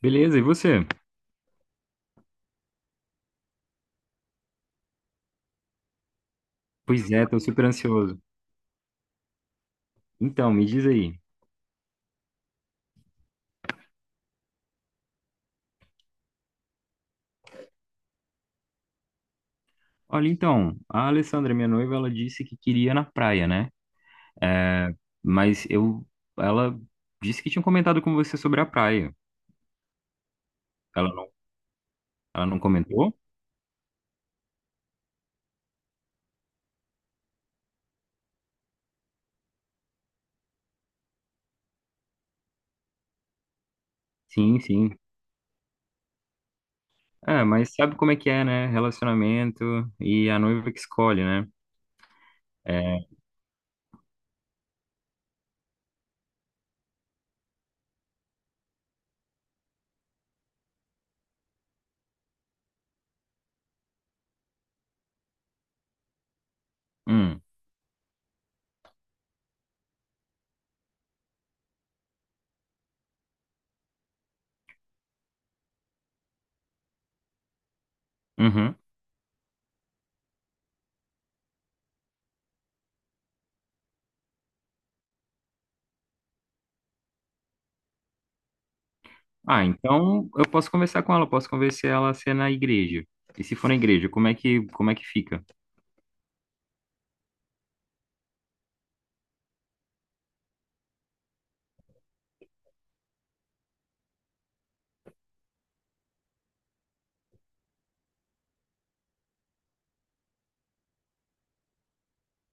Beleza, e você? Pois é, tô super ansioso. Então, me diz aí. Olha, então, a Alessandra, minha noiva, ela disse que queria ir na praia, né? É, mas eu, ela disse que tinha comentado com você sobre a praia. Ela não, ela não comentou? Sim, sim. É, mas sabe como é que é, né? Relacionamento e a noiva que escolhe, né? É, hum, uhum. Ah, então eu posso conversar com ela, posso convencer ela a ser na igreja. E se for na igreja, como é que fica?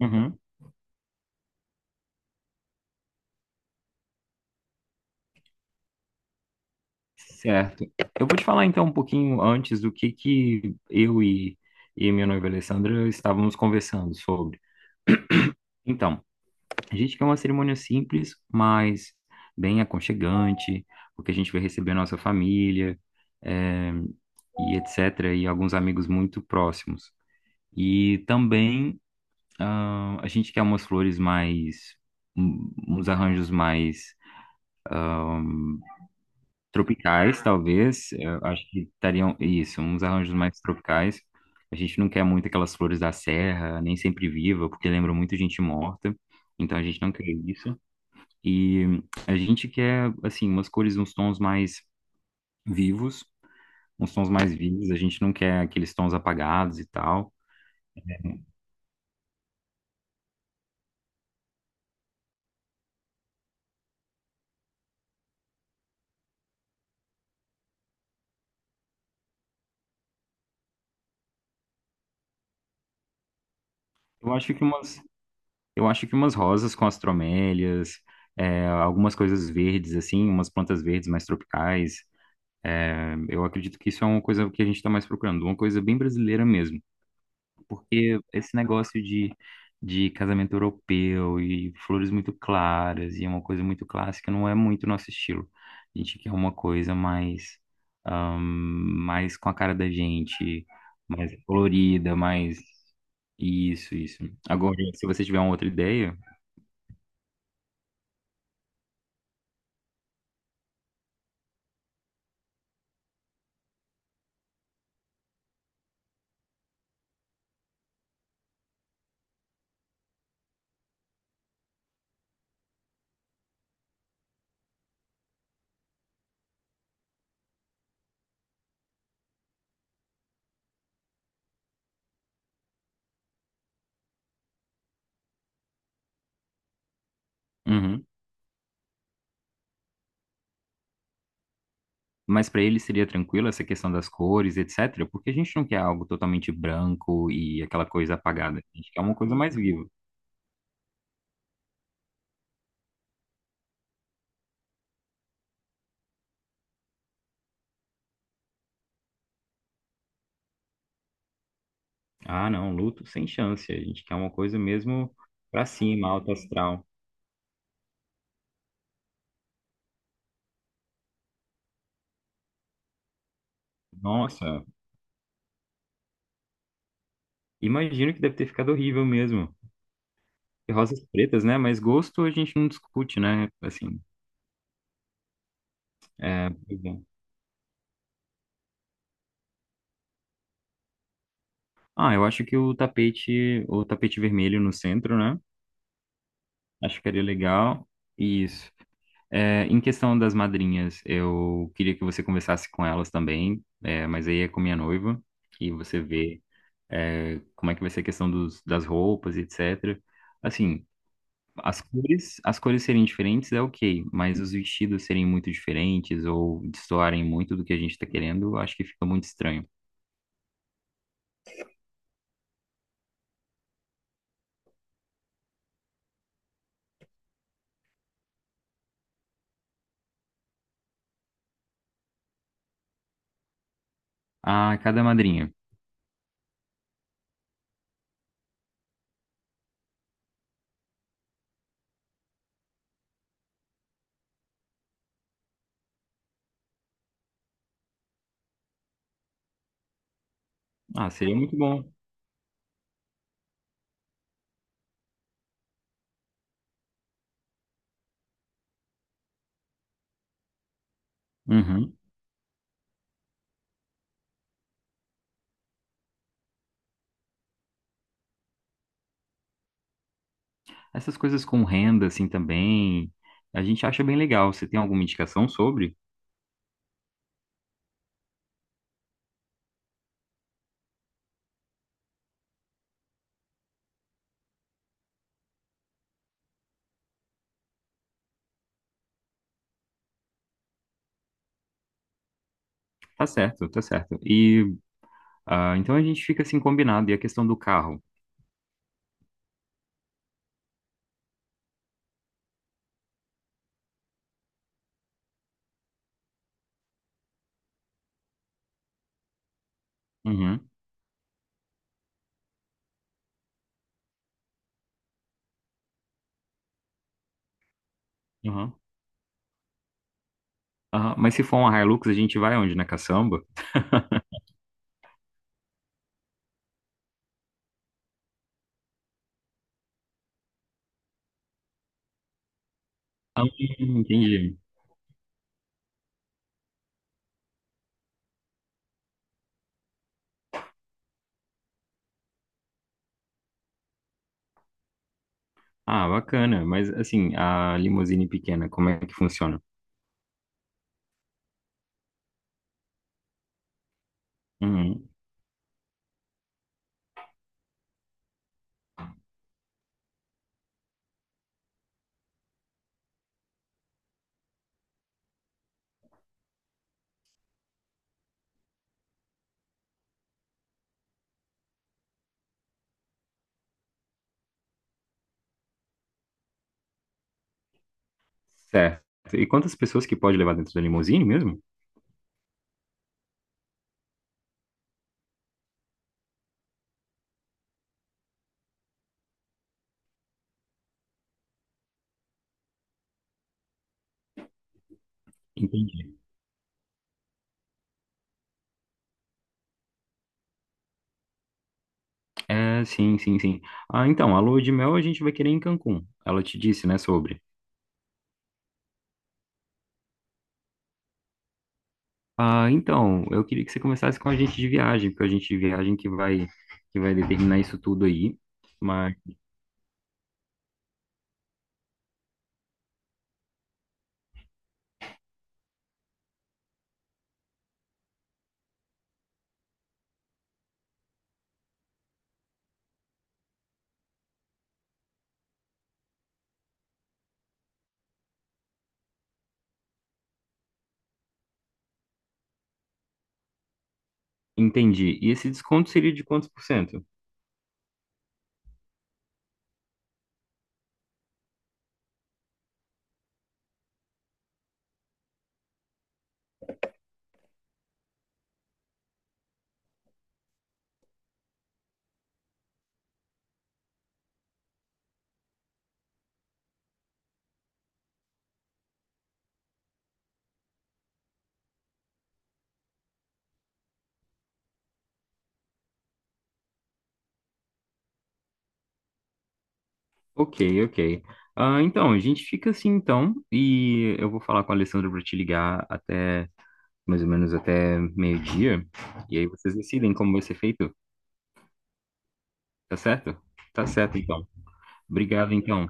Uhum. Certo. Eu vou te falar então um pouquinho antes do que eu e minha noiva Alessandra estávamos conversando sobre. Então, a gente quer uma cerimônia simples, mas bem aconchegante, porque a gente vai receber a nossa família, eh, e etc., e alguns amigos muito próximos. E também, ah, a gente quer umas flores mais, uns arranjos mais tropicais, talvez. Eu acho que estariam, isso, uns arranjos mais tropicais. A gente não quer muito aquelas flores da serra, nem sempre viva, porque lembram muito gente morta. Então a gente não quer isso. E a gente quer, assim, umas cores, uns tons mais vivos, uns tons mais vivos. A gente não quer aqueles tons apagados e tal. Eu acho que umas, eu acho que umas rosas com as tromélias, é, algumas coisas verdes, assim, umas plantas verdes mais tropicais. Eu acredito que isso é uma coisa que a gente está mais procurando, uma coisa bem brasileira mesmo, porque esse negócio de casamento europeu e flores muito claras e é uma coisa muito clássica não é muito nosso estilo. A gente quer uma coisa mais, mais com a cara da gente, mais colorida, mais isso, isso. Agora, se você tiver uma outra ideia, uhum. Mas para ele seria tranquilo essa questão das cores, etc. Porque a gente não quer algo totalmente branco e aquela coisa apagada. A gente quer uma coisa mais viva. Ah, não, luto sem chance. A gente quer uma coisa mesmo pra cima, alto astral. Nossa, imagino que deve ter ficado horrível mesmo. E rosas pretas, né? Mas gosto a gente não discute, né? Assim, é, pois é. Ah, eu acho que o tapete vermelho no centro, né? Acho que seria legal. Isso. É, em questão das madrinhas, eu queria que você conversasse com elas também, é, mas aí é com minha noiva, e você vê, é, como é que vai ser a questão dos, das roupas, etc. Assim, as cores serem diferentes é ok, mas os vestidos serem muito diferentes ou destoarem muito do que a gente está querendo, eu acho que fica muito estranho. Ah, cada madrinha. Ah, seria muito bom. Uhum. Essas coisas com renda, assim, também, a gente acha bem legal. Você tem alguma indicação sobre? Tá certo, tá certo. E ah, então a gente fica assim combinado. E a questão do carro? Uhum, uhum, aham. Mas se for uma Hilux, a gente vai onde? Na caçamba? Ah, entendi. Ah, bacana. Mas assim, a limusine pequena, como é que funciona? Uhum, certo. E quantas pessoas que pode levar dentro da limusine mesmo? Entendi. É, sim, sim, sim. Ah, então, a lua de mel a gente vai querer em Cancún. Ela te disse, né, sobre. Ah, então, eu queria que você começasse com a gente de viagem, porque a gente de viagem que vai determinar isso tudo aí. Entendi. E esse desconto seria de quantos por cento? Ok, ok. Ah, então, a gente fica assim então, e eu vou falar com a Alessandra para te ligar até mais ou menos até meio-dia, e aí vocês decidem como vai ser feito, tá certo? Tá certo, então. Obrigado, então.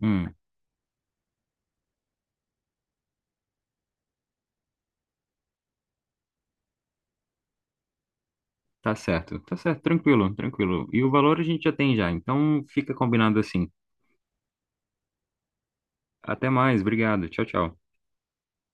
Hum, tá certo, tranquilo, tranquilo. E o valor a gente já tem já, então fica combinado assim. Até mais, obrigado. Tchau, tchau.